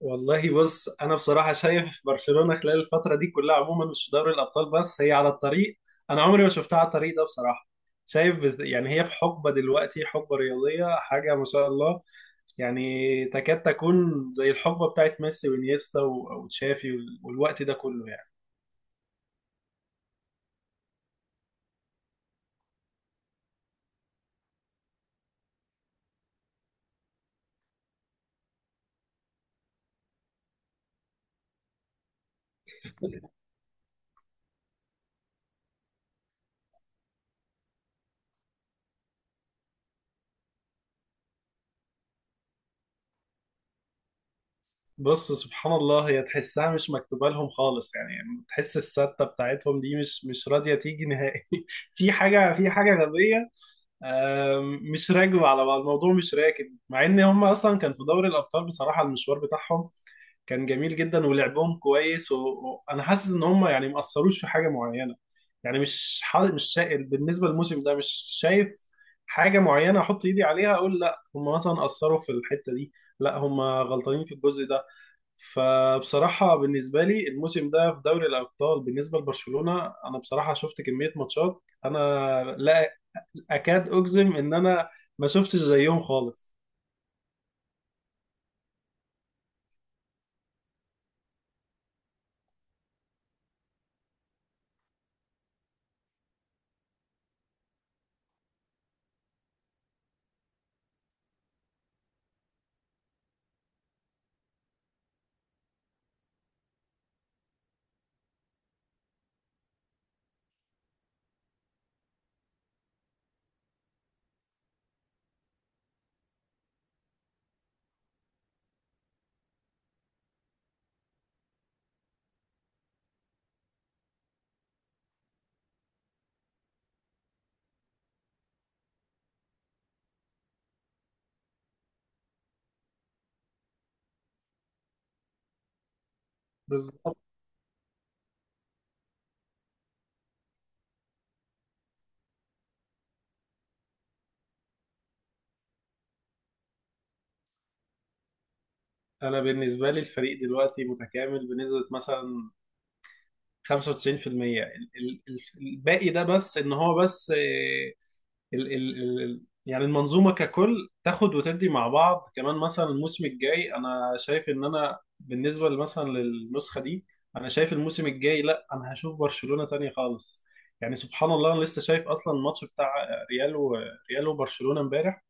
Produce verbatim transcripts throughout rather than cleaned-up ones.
والله بص، انا بصراحه شايف برشلونه خلال الفتره دي كلها عموما مش في دوري الابطال، بس هي على الطريق. انا عمري ما شفتها على الطريق ده بصراحه. شايف بز... يعني هي في حقبه دلوقتي، حقبه رياضيه، حاجه ما شاء الله. يعني تكاد تكون زي الحقبه بتاعت ميسي وانيستا و- وتشافي وال- والوقت ده كله يعني. بص، سبحان الله، هي تحسها مش مكتوبه لهم خالص. يعني تحس السته بتاعتهم دي مش مش راضيه تيجي نهائي. في حاجه في حاجه غبيه. آم، مش راكبة على بعض، الموضوع مش راكب. مع ان هم اصلا كان في دوري الابطال بصراحة المشوار بتاعهم كان جميل جدا، ولعبهم كويس، و- وانا حاسس ان هم يعني مأثروش في حاجة معينة. يعني مش حا... مش شا... بالنسبة للموسم ده مش شايف حاجة معينة احط ايدي عليها اقول لا هم مثلا أثروا في الحتة دي، لا هم غلطانين في الجزء ده. فبصراحة بالنسبة لي الموسم ده في دوري الأبطال بالنسبة لبرشلونة، أنا بصراحة شفت كمية ماتشات أنا لا اكاد اجزم ان انا ما شفتش زيهم خالص. بالظبط. انا بالنسبه لي الفريق دلوقتي متكامل بنسبه مثلا خمسة وتسعين في الميه. ال- ال- ال- الباقي ده بس ان هو بس، آه، ال ال ال ال- يعني المنظومه ككل تاخد وتدي مع بعض. كمان مثلا الموسم الجاي، انا شايف ان انا بالنسبه مثلا للنسخه دي، انا شايف الموسم الجاي لا، انا هشوف برشلونه تاني خالص. يعني سبحان الله انا لسه شايف اصلا الماتش بتاع ريال و- ريال وبرشلونه امبارح.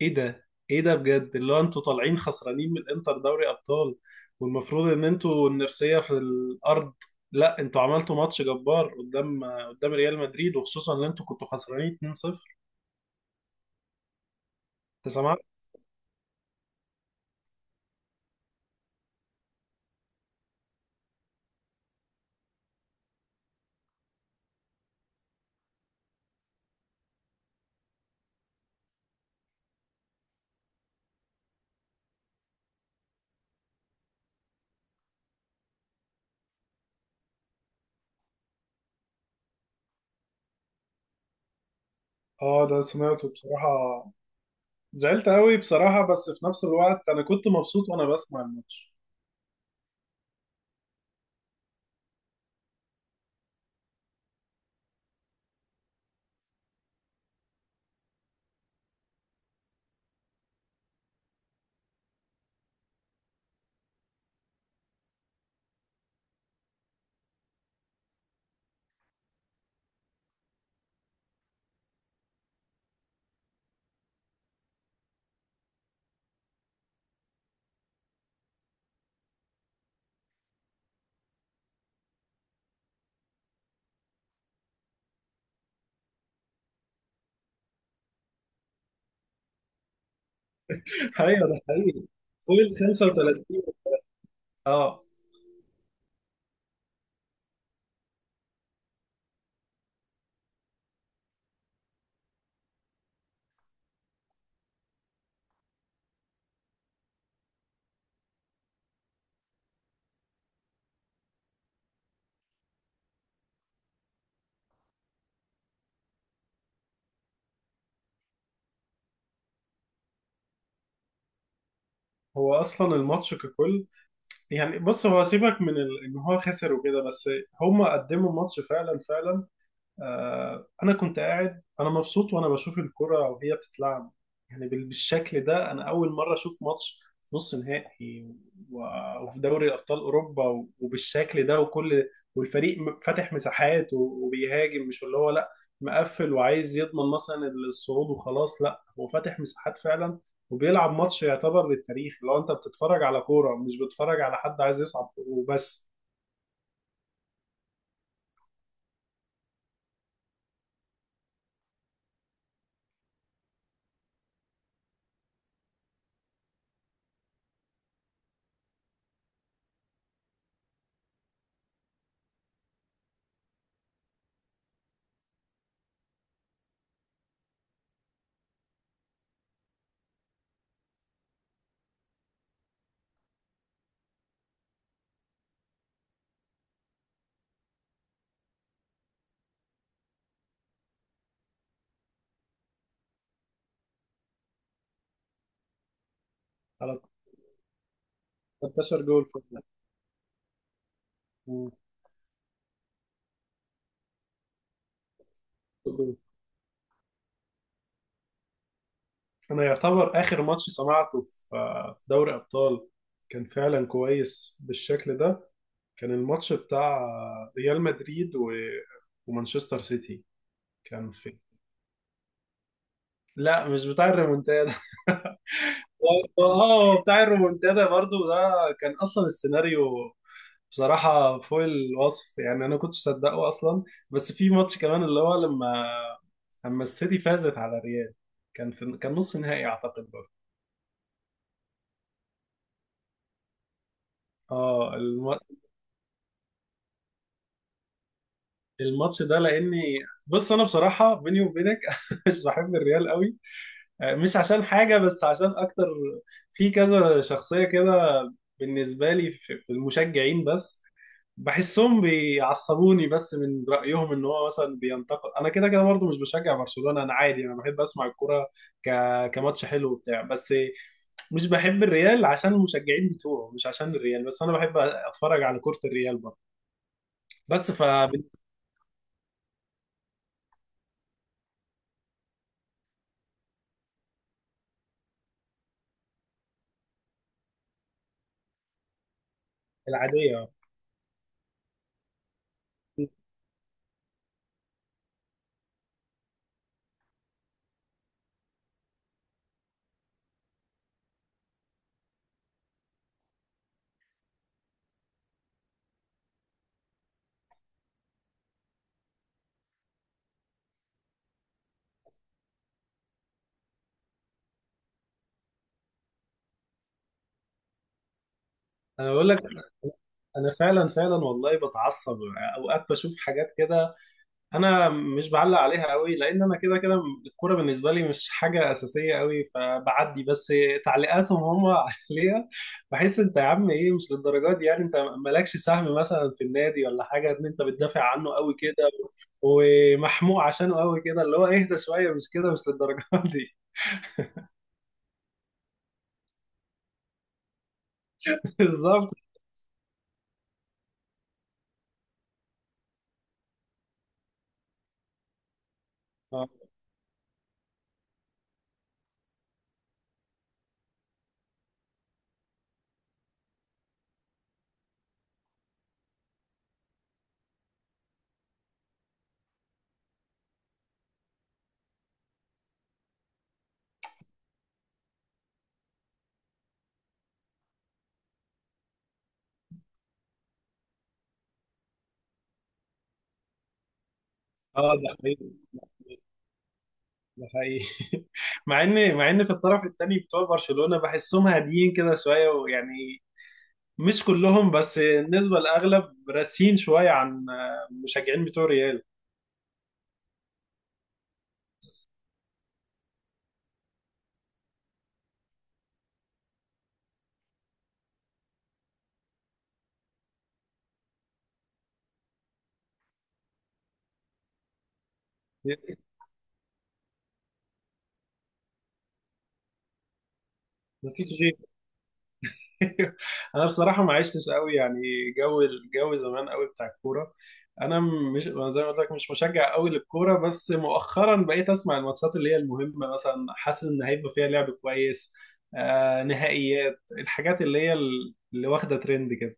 ايه ده، ايه ده بجد؟ اللي هو انتوا طالعين خسرانين من انتر دوري ابطال والمفروض ان انتوا النفسيه في الارض. لا، انتوا عملتوا ماتش جبار قدام قدام ريال مدريد، وخصوصا ان انتوا كنتوا خسرانين اثنين صفر. انت سمعت؟ اه ده سمعته بصراحة. زعلت قوي بصراحة، بس في نفس الوقت انا كنت مبسوط وانا بسمع الماتش. ايوه ده حقيقي. فوق ال خمسة وتلاتين. اه. هو اصلا الماتش ككل، يعني بص، هو سيبك من ال- ان هو خسر وكده، بس هم قدموا ماتش فعلا فعلا. آه، انا كنت قاعد انا مبسوط وانا بشوف الكرة وهي بتتلعب. يعني بال- بالشكل ده انا اول مرة اشوف ماتش نص نهائي و- وفي دوري ابطال اوروبا و- وبالشكل ده وكل. والفريق م- فاتح مساحات و- وبيهاجم، مش اللي هو لا مقفل وعايز يضمن مثلا الصعود وخلاص. لا، هو فاتح مساحات فعلا وبيلعب ماتش يعتبر للتاريخ، لو انت بتتفرج على كورة مش بتتفرج على حد عايز يصعد وبس. على تلتاشر جول. في. انا يعتبر اخر ماتش سمعته في، آه، في دوري ابطال كان فعلا كويس بالشكل ده. كان الماتش بتاع، آه، ريال مدريد و... ومانشستر سيتي. كان في. لا مش بتاع الريمونتادا. و- اه بتاع الريمونتادا برضو ده. كان اصلا السيناريو بصراحة فوق الوصف يعني، أنا كنتش صدقه أصلا. بس في ماتش كمان اللي هو لما لما السيتي فازت على الريال. كان في، كان نص نهائي أعتقد برضه. اه الم... الماتش ده لاني، بص انا بصراحه بيني وبينك مش بحب الريال قوي. آه، مش عشان حاجه، بس عشان اكتر في كذا شخصيه كده بالنسبه لي في في المشجعين بس، بحسهم بيعصبوني، بس من رايهم ان هو مثلا بينتقد. انا كده كده برضه مش بشجع برشلونه، انا عادي انا بحب اسمع الكوره ك... كماتش حلو وبتاع بس. مش بحب الريال عشان المشجعين بتوعه، مش عشان الريال، بس انا بحب اتفرج على كرة الريال برضه بس. فالعادية. انا بقول لك، انا فعلا فعلا والله بتعصب اوقات بشوف حاجات كده. انا مش بعلق عليها قوي، لان انا كده كده الكوره بالنسبه لي مش حاجه اساسيه قوي، فبعدي بس تعليقاتهم هم عليها. بحس انت يا عم ايه؟ مش للدرجات دي يعني، انت مالكش سهم مثلا في النادي ولا حاجه ان انت بتدافع عنه قوي كده ومحموق عشانه قوي كده. اللي هو اهدى شويه، مش كده، مش للدرجات دي. بالظبط. اه، آه، ده ده حقيقي. مع ان مع ان في الطرف الثاني بتوع برشلونة بحسهم هاديين كده شوية ويعني مش كلهم، بس النسبة الأغلب راسين شوية عن المشجعين بتوع ريال. مفيش غير. أنا بصراحة ما عشتش قوي يعني جو الجو زمان قوي بتاع الكورة. أنا مش أنا زي ما قلت لك مش مشجع قوي للكورة، بس مؤخرا بقيت أسمع الماتشات اللي هي المهمة، مثلا حاسس إن هيبقى فيها لعب كويس. آه نهائيات الحاجات اللي هي اللي واخدة ترند كده.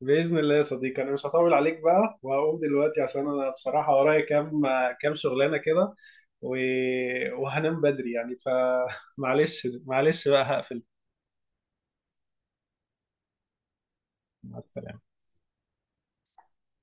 بإذن الله يا صديقي، أنا مش هطول عليك بقى وهقوم دلوقتي، عشان أنا بصراحة ورايا كام كام شغلانة كده و... وهنام بدري يعني، فمعلش. معلش معلش بقى، هقفل. مع السلامة.